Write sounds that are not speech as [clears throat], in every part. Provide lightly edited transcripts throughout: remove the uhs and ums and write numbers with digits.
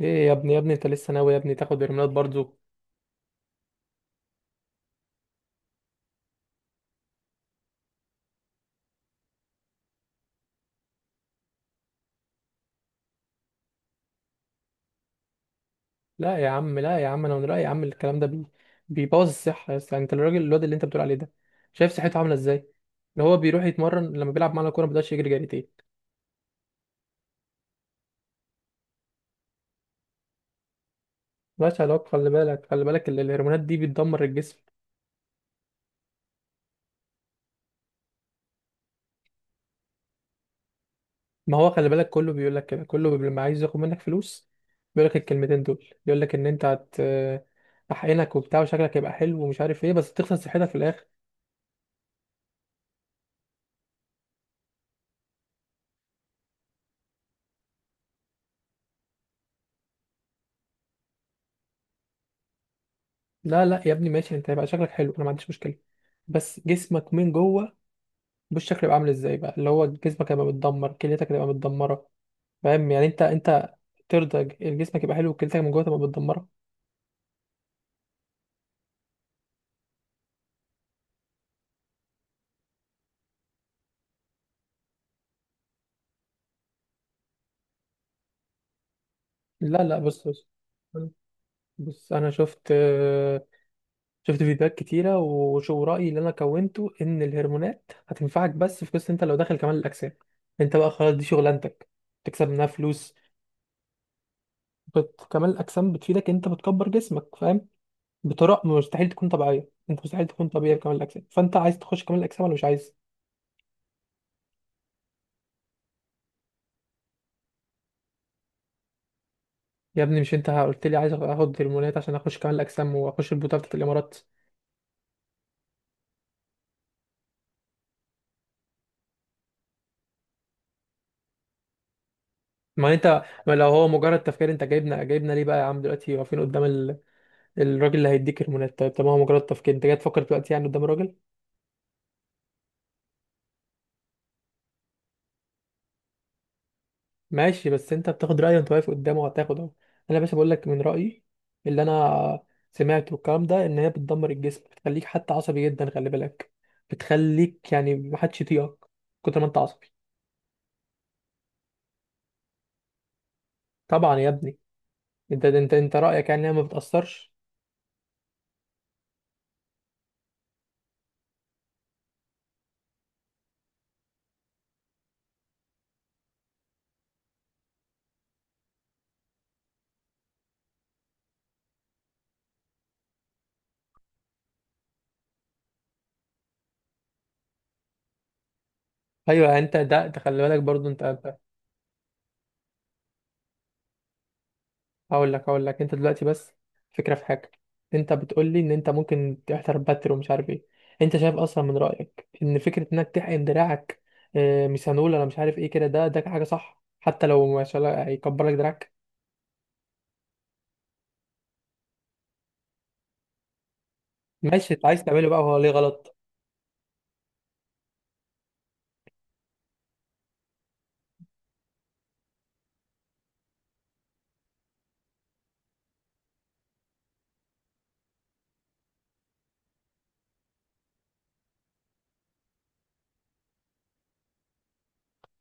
ايه يا ابني، يا ابني انت لسه ناوي يا ابني تاخد هرمونات برضو؟ لا يا عم، لا يا عم، انا من رايي يا عم الكلام ده بيبوظ الصحه يا اسطى. يعني انت الراجل، الواد اللي انت بتقول عليه ده شايف صحته عامله ازاي؟ اللي هو بيروح يتمرن، لما بيلعب معانا كوره ما بيقدرش يجري جريتين. ماشي يا لوك، خلي بالك، خلي بالك الهرمونات دي بتدمر الجسم. ما هو خلي بالك كله بيقول لك كده، كله لما عايز ياخد منك فلوس بيقول لك الكلمتين دول، بيقول لك ان انت احقنك وبتاع وشكلك هيبقى حلو ومش عارف ايه، بس تخسر صحتك في الاخر. لا لا يا ابني، ماشي انت هيبقى شكلك حلو، انا ما عنديش مشكله، بس جسمك من جوه بالشكل يبقى عامل ازاي بقى؟ اللي هو جسمك هيبقى متدمر، كليتك هتبقى متدمره، فاهم؟ يعني انت ترضى جسمك يبقى حلو وكليتك من جوه تبقى متدمره؟ لا لا، بص، بص انا شفت فيديوهات كتيره وشو رايي اللي انا كونته ان الهرمونات هتنفعك، بس في قصه، انت لو داخل كمال الاجسام انت بقى خلاص دي شغلانتك، تكسب منها فلوس. كمال الاجسام بتفيدك، انت بتكبر جسمك، فاهم؟ بطرق مستحيل تكون طبيعيه. انت مستحيل تكون طبيعي في كمال الاجسام، فانت عايز تخش كمال الاجسام ولا مش عايز؟ يا ابني مش انت قلت لي عايز اخد هرمونات عشان اخش كمال الاجسام واخش البطوله بتاعت الامارات؟ ما انت، ما لو هو مجرد تفكير انت جايبنا ليه بقى يا عم؟ دلوقتي واقفين قدام الراجل اللي هيديك هرمونات، طيب طب ما هو مجرد تفكير، انت جاي تفكر دلوقتي يعني قدام الراجل؟ ماشي، بس انت بتاخد رأيه وانت واقف قدامه هتاخده. انا يا باشا بقول لك من رأيي، اللي انا سمعته الكلام ده ان هي بتدمر الجسم، بتخليك حتى عصبي جدا، خلي بالك بتخليك يعني محدش يطيقك كتر ما انت عصبي. طبعا يا ابني. انت رأيك يعني انها ما بتأثرش؟ ايوه، يعني انت ده تخلي بالك برضو انت. هقول لك انت دلوقتي بس فكره في حاجه. انت بتقول لي ان انت ممكن تحترم باتر ومش عارف ايه؟ انت شايف اصلا من رايك ان فكره انك تحقن دراعك ميثانول ولا مش عارف ايه كده، ده ده حاجه صح؟ حتى لو ما شاء الله هيكبر لك دراعك. ماشي انت عايز تعمله، بقى هو ليه غلط؟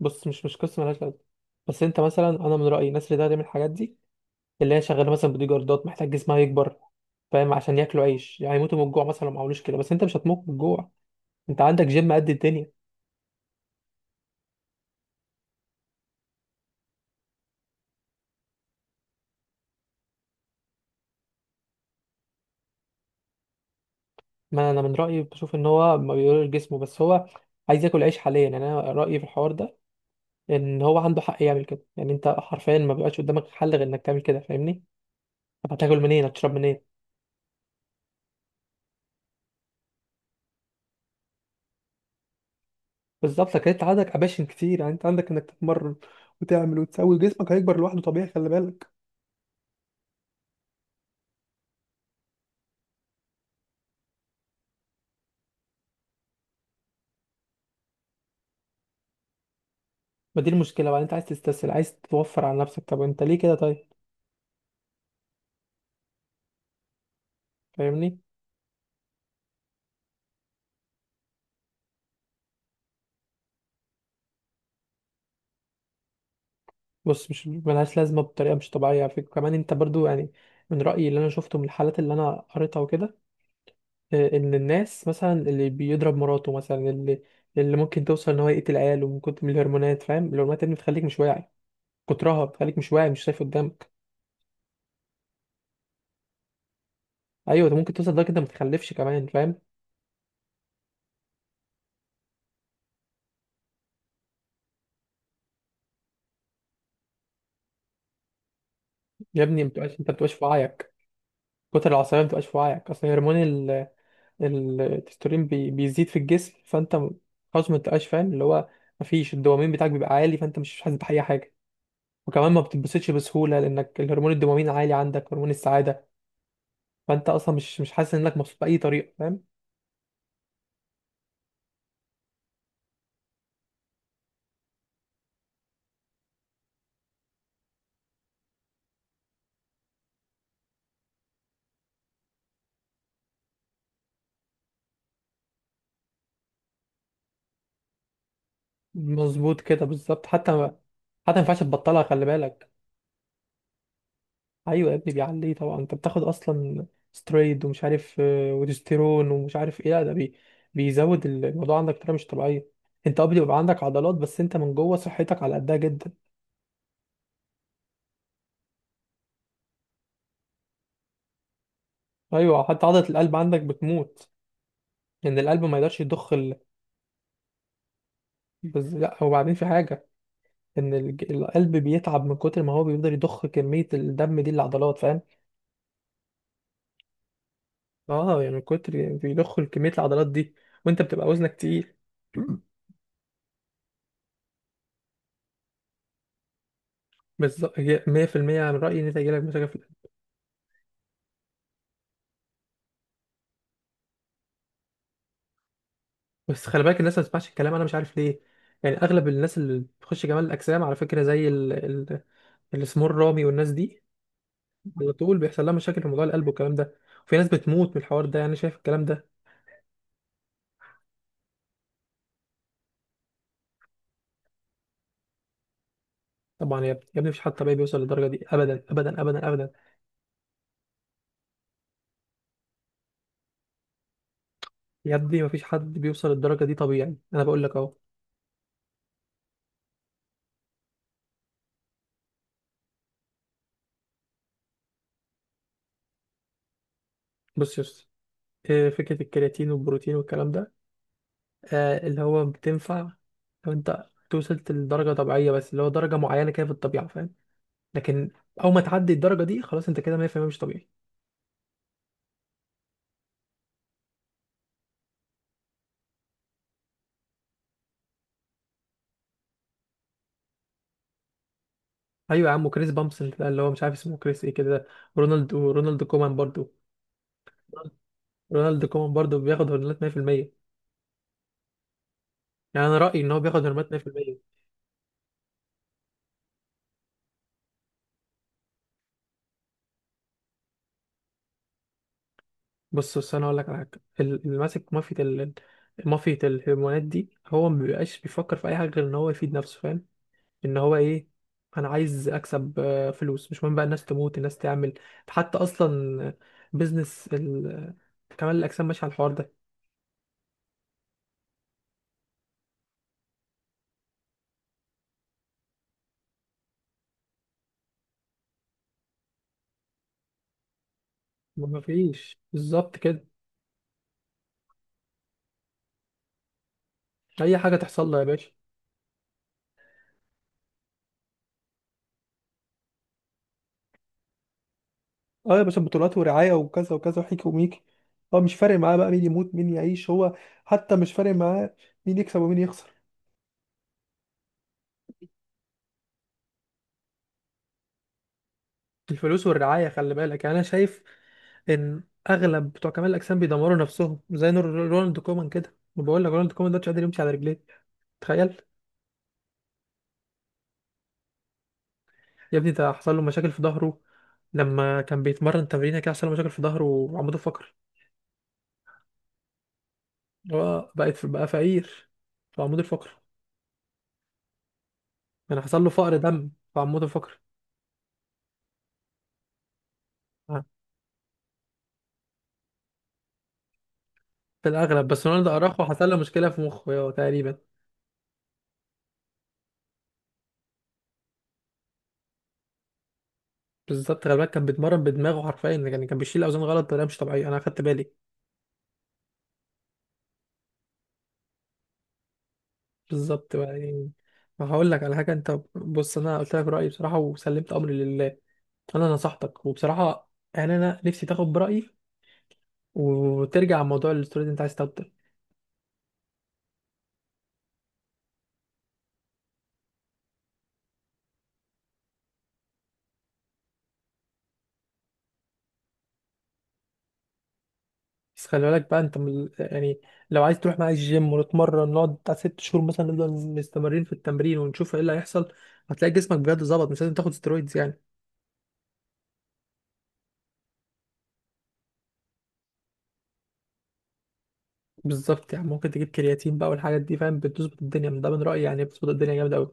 بص، مش قصه ملهاش لازمه، بس انت مثلا، انا من رايي الناس اللي ده تعمل الحاجات دي اللي هي شغاله مثلا بدي جاردات محتاج جسمها يكبر، فاهم؟ عشان ياكلوا عيش، يعني يموتوا من الجوع مثلا لو ما عملوش كده. بس انت مش هتموت من الجوع، انت عندك جيم قد الدنيا. ما انا من رايي بشوف ان هو ما بيقولش جسمه بس هو عايز ياكل عيش حاليا، يعني انا رايي في الحوار ده ان هو عنده حق يعمل كده. يعني انت حرفيا ما بيبقاش قدامك حل غير انك تعمل كده، فاهمني؟ طب هتاكل منين، هتشرب منين؟ بالظبط، لكن انت عندك اماكن كتير، يعني انت عندك انك تتمرن وتعمل وتسوي جسمك، هيكبر لوحده طبيعي، خلي بالك. ما دي المشكله بقى، انت عايز تستسهل، عايز توفر على نفسك، طب انت ليه كده؟ طيب، فاهمني؟ بص، مش ملهاش لازمه، بطريقه مش طبيعيه فيك كمان انت برضو. يعني من رايي اللي انا شفته من الحالات اللي انا قريتها وكده، ان الناس مثلا اللي بيضرب مراته مثلا، اللي ممكن توصل ان هو يقتل عياله من كتر من الهرمونات، فاهم؟ الهرمونات اللي بتخليك مش واعي كترها، بتخليك مش واعي، مش شايف قدامك. ايوه ده ممكن توصل لدرجه انت ما تخلفش كمان، فاهم؟ يا ابني ما بتبقاش انت ما بتبقاش في وعيك، كتر العصبيه ما بتبقاش في وعيك. اصل هرمون التستورين بيزيد في الجسم، فانت خلاص ما بتبقاش فاهم اللي هو، ما فيش الدوبامين بتاعك بيبقى عالي فانت مش حاسس بأي حاجه. وكمان ما بتتبسطش بسهوله لانك الهرمون الدوبامين عالي عندك، هرمون السعاده، فانت اصلا مش حاسس انك مبسوط باي طريقه، فاهم؟ مظبوط كده، بالظبط. حتى ما ينفعش تبطلها، خلي بالك. ايوه يا ابني بيعليه طبعا، انت بتاخد اصلا سترويد ومش عارف وديستيرون ومش عارف ايه، لا ده بيزود الموضوع عندك بطريقه مش طبيعيه. انت اه بيبقى عندك عضلات بس انت من جوه صحتك على قدها جدا. ايوه حتى عضله القلب عندك بتموت، لان القلب ما يقدرش يضخ بس لا، وبعدين في حاجه، ان القلب بيتعب من كتر ما هو بيقدر يضخ كميه الدم دي للعضلات، فاهم؟ اه يعني من كتر بيضخوا كمية العضلات دي، وانت بتبقى وزنك تقيل. [clears throat] بالظبط، هي 100% من رأيي ان انت هيجيلك مشاكل في القلب. بس خلي بالك الناس ما تسمعش الكلام، انا مش عارف ليه. يعني اغلب الناس اللي بتخش جمال الاجسام على فكرة، زي السمور رامي والناس دي، على طول بيحصل لها مشاكل في موضوع القلب والكلام ده. وفي ناس بتموت من الحوار ده، يعني شايف الكلام ده؟ طبعا يا ابني، يا ابني مفيش حد طبيعي بيوصل للدرجة دي، ابدا ابدا ابدا ابدا. يا ابني مفيش حد بيوصل للدرجة دي طبيعي، انا بقول لك اهو. بص يا اسطى، إيه فكرة الكرياتين والبروتين والكلام ده؟ آه اللي هو بتنفع لو انت وصلت لدرجة طبيعية، بس اللي هو درجة معينة كده في الطبيعة، فاهم؟ لكن أول ما تعدي الدرجة دي خلاص انت كده 100% مش طبيعي. أيوة يا عم، وكريس بامسون ده اللي هو مش عارف اسمه كريس ايه كده، رونالد ورونالد كومان برضو، رونالد كومان برضو بياخد هرمونات 100%. يعني أنا رأيي إن هو بياخد هرمونات 100%. بص بص أنا هقول لك على حاجة، اللي ماسك مافيا مافيا الهرمونات دي هو ما بيبقاش بيفكر في أي حاجة غير إن هو يفيد نفسه، فاهم؟ ان هو ايه، انا عايز اكسب فلوس، مش مهم بقى الناس تموت، الناس تعمل. حتى اصلا بيزنس كمال الاجسام ماشي على الحوار ده. ما فيش بالظبط كده، اي حاجه تحصل له يا باشا. اه يا باشا، بطولات ورعايه وكذا وكذا وحكي وميكي، هو مش فارق معاه بقى مين يموت مين يعيش، هو حتى مش فارق معاه مين يكسب ومين يخسر. الفلوس والرعايه، خلي بالك. يعني انا شايف ان اغلب بتوع كمال الاجسام بيدمروا نفسهم زي رونالد كومان كده، وبقول لك رونالد كومان ده مش قادر يمشي على رجليه، تخيل. يا ابني ده حصل له مشاكل في ظهره، لما كان بيتمرن تمرينه كده حصل له مشاكل في ظهره وعمود الفقر. هو بقت بقى فقير في عمود الفقر، يعني حصل له فقر دم في عمود الفقر. آه، في الاغلب، بس رونالدو اراخو حصل له مشكله في مخه هو تقريبا. بالظبط، غالبا كان بيتمرن بدماغه حرفيا، يعني كان بيشيل اوزان غلط بطريقه مش طبيعيه، انا اخدت بالي. بالظبط بقى يعني. هقول لك على حاجه انت، بص، انا قلت لك رايي بصراحه وسلمت امري لله. انا نصحتك وبصراحه، يعني انا نفسي تاخد برايي وترجع عن موضوع الاستوري اللي انت عايز تاخده. بس خلي بالك بقى انت، يعني لو عايز تروح معايا الجيم ونتمرن، نقعد بتاع 6 شهور مثلا، نفضل مستمرين في التمرين ونشوف ايه اللي هيحصل، هتلاقي جسمك بجد ظبط، مش لازم تاخد سترويدز يعني. بالظبط يعني، ممكن تجيب كرياتين بقى والحاجات دي، فاهم؟ بتظبط الدنيا من ده من رأيي، يعني بتظبط الدنيا جامد قوي.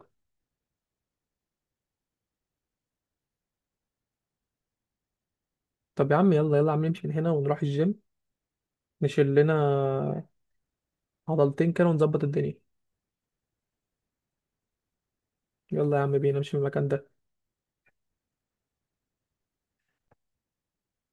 طب يا عم، يلا يلا يا عم نمشي من هنا ونروح الجيم، نشيل لنا عضلتين كده ونظبط الدنيا. يلا يا عم، بينا نمشي من المكان ده.